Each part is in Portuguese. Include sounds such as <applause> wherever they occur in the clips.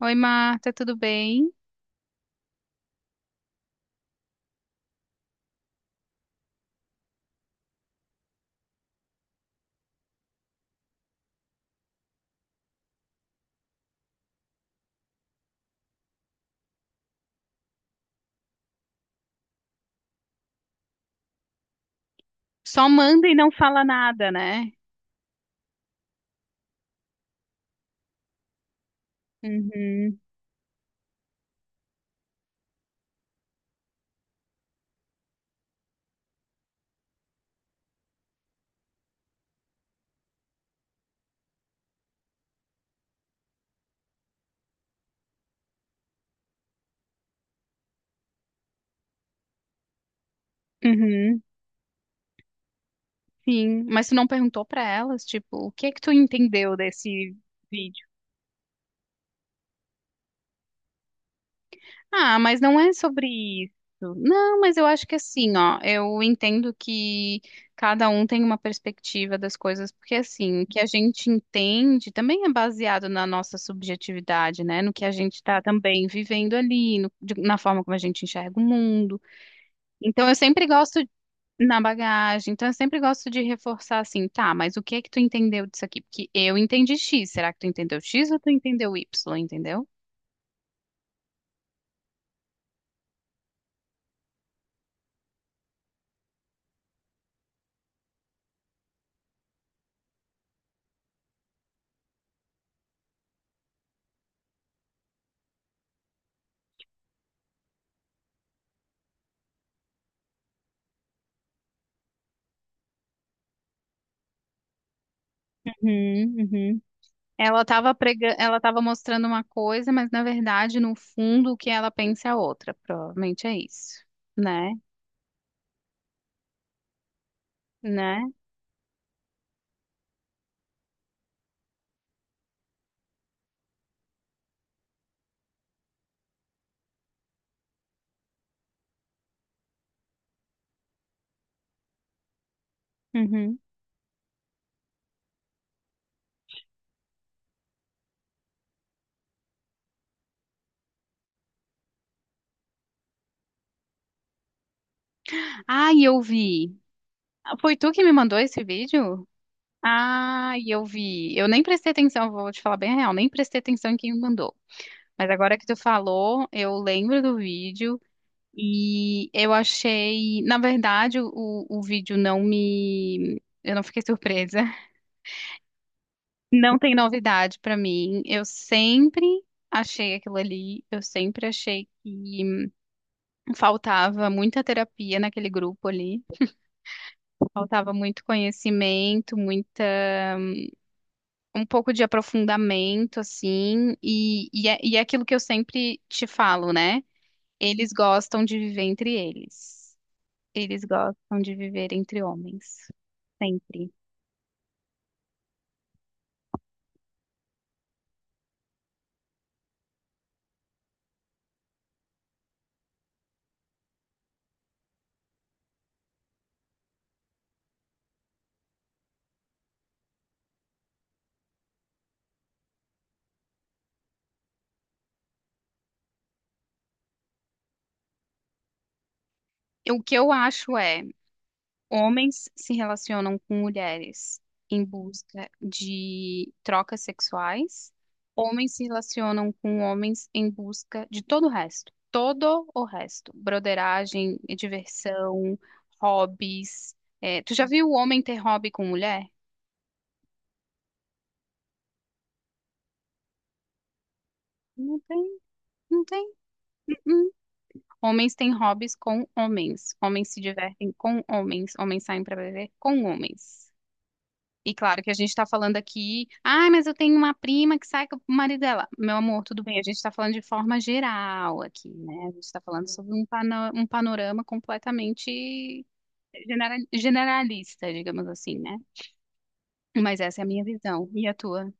Oi, Marta, tudo bem? Só manda e não fala nada, né? Uhum, uhum, sim. Mas tu não perguntou pra elas, tipo, o que é que tu entendeu desse vídeo? Ah, mas não é sobre isso. Não, mas eu acho que assim, ó, eu entendo que cada um tem uma perspectiva das coisas, porque assim, o que a gente entende também é baseado na nossa subjetividade, né? No que a gente tá também vivendo ali, na forma como a gente enxerga o mundo. Então, eu sempre gosto na bagagem. Então, eu sempre gosto de reforçar assim, tá, mas o que é que tu entendeu disso aqui? Porque eu entendi X. Será que tu entendeu X ou tu entendeu Y, entendeu? Uhum, uhum. Ela estava ela estava mostrando uma coisa, mas na verdade, no fundo, o que ela pensa é outra. Provavelmente é isso, né? Né? Uhum. Ai, eu vi. Foi tu que me mandou esse vídeo? Ai, eu vi. Eu nem prestei atenção, vou te falar bem a real, nem prestei atenção em quem me mandou. Mas agora que tu falou, eu lembro do vídeo. E eu achei, na verdade, o vídeo não me. Eu não fiquei surpresa. <laughs> Não tem novidade pra mim. Eu sempre achei aquilo ali. Eu sempre achei que faltava muita terapia naquele grupo ali. Faltava muito conhecimento, muita, um pouco de aprofundamento, assim. E é aquilo que eu sempre te falo, né? Eles gostam de viver entre eles. Eles gostam de viver entre homens. Sempre. O que eu acho é, homens se relacionam com mulheres em busca de trocas sexuais, homens se relacionam com homens em busca de todo o resto, broderagem, diversão, hobbies. É, tu já viu o homem ter hobby com mulher? Não tem, não tem. Hum. Homens têm hobbies com homens, homens se divertem com homens, homens saem para beber com homens. E claro que a gente está falando aqui, ah, mas eu tenho uma prima que sai com o marido dela. Meu amor, tudo bem, a gente está falando de forma geral aqui, né? A gente está falando sobre um panorama completamente generalista, digamos assim, né? Mas essa é a minha visão e a tua.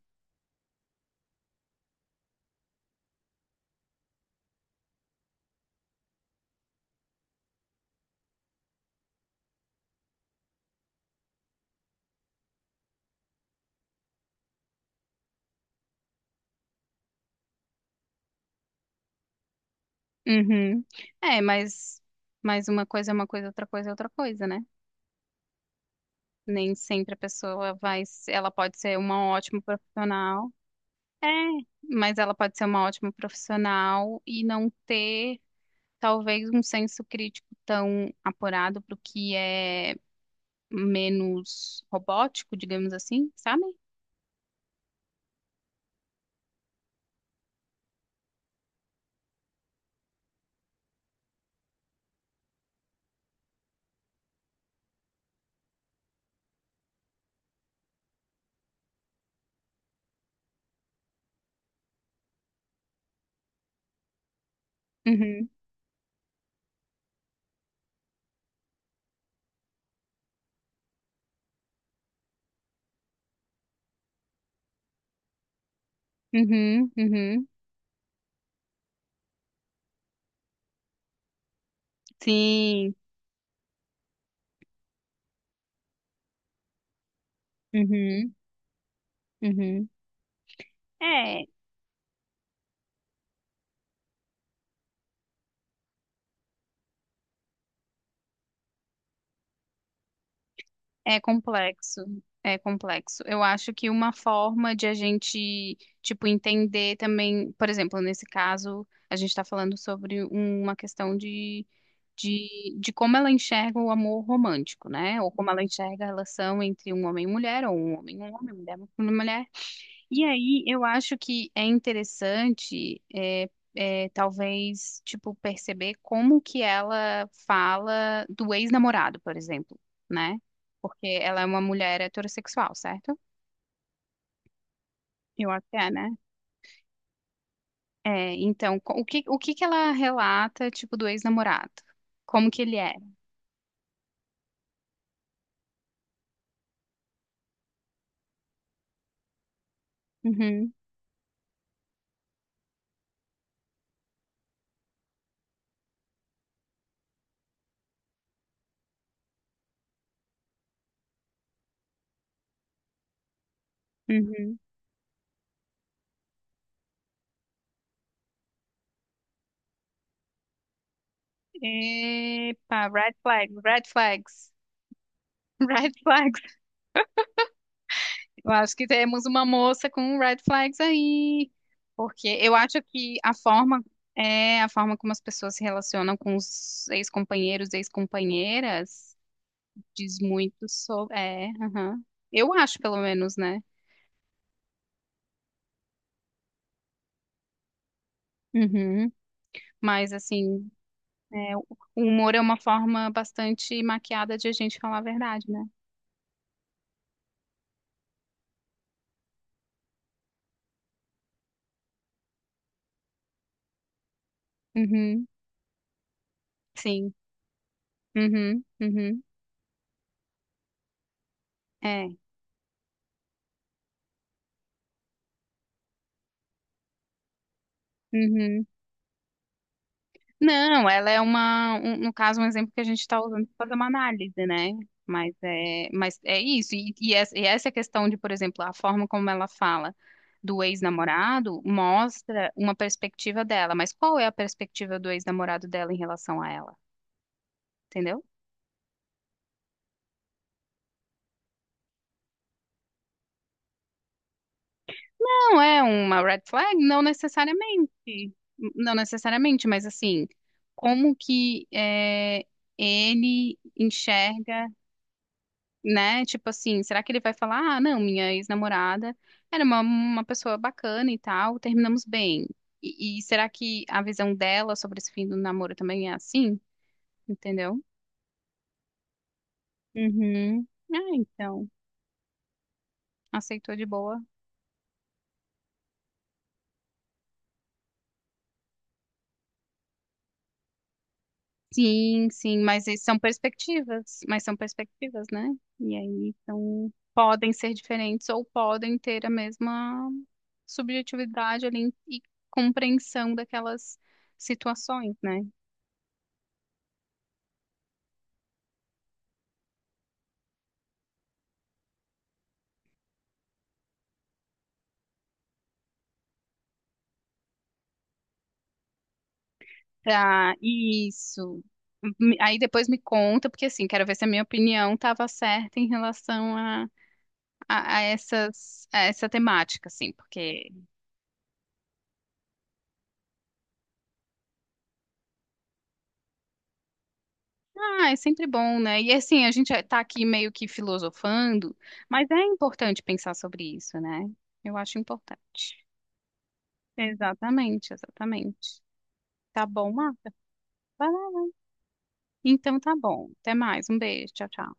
Uhum. É, mas uma coisa é uma coisa, outra coisa é outra coisa, né? Nem sempre a pessoa vai, ela pode ser uma ótima profissional. É, mas ela pode ser uma ótima profissional e não ter talvez um senso crítico tão apurado para o que é menos robótico, digamos assim, sabe? Uhum, uhum, uhum. Sim, uhum, uhum. É, é complexo, é complexo. Eu acho que uma forma de a gente, tipo, entender também, por exemplo, nesse caso, a gente está falando sobre uma questão de de como ela enxerga o amor romântico, né? Ou como ela enxerga a relação entre um homem e mulher, ou um homem e um homem, mulher e mulher. E aí eu acho que é interessante, talvez, tipo, perceber como que ela fala do ex-namorado, por exemplo, né? Porque ela é uma mulher heterossexual, certo? Eu acho que é, né? É, então, o que que ela relata, tipo, do ex-namorado? Como que ele era? Uhum, uhum. Epa, red flags, <laughs> red flags. Eu acho que temos uma moça com red flags aí, porque eu acho que a forma é a forma como as pessoas se relacionam com os ex-companheiros, ex-companheiras, diz muito sobre. É, aham. Eu acho, pelo menos, né? Uhum. Mas assim, é, o humor é uma forma bastante maquiada de a gente falar a verdade, né? Uhum. Sim. Uhum. Uhum. É. Uhum. Não, ela é uma, no caso, um exemplo que a gente está usando para fazer uma análise, né? Mas é isso. E essa e essa questão de, por exemplo, a forma como ela fala do ex-namorado mostra uma perspectiva dela. Mas qual é a perspectiva do ex-namorado dela em relação a ela? Entendeu? Não é uma red flag? Não necessariamente. Não necessariamente, mas assim, como que é, ele enxerga. Né? Tipo assim, será que ele vai falar, ah, não, minha ex-namorada era uma pessoa bacana e tal, terminamos bem. E será que a visão dela sobre esse fim do namoro também é assim? Entendeu? Uhum. Ah, então, aceitou de boa. Sim, sim, mas isso são perspectivas, mas são perspectivas, né? E aí, então, podem ser diferentes ou podem ter a mesma subjetividade ali e compreensão daquelas situações, né? Tá, isso. Me- Aí depois me conta, porque assim, quero ver se a minha opinião estava certa em relação a essas, a essa temática, assim, porque ah, é sempre bom, né? E assim, a gente tá aqui meio que filosofando, mas é importante pensar sobre isso, né? Eu acho importante. Exatamente, exatamente. Tá bom, Marta? Vai lá. Então tá bom. Até mais. Um beijo. Tchau, tchau.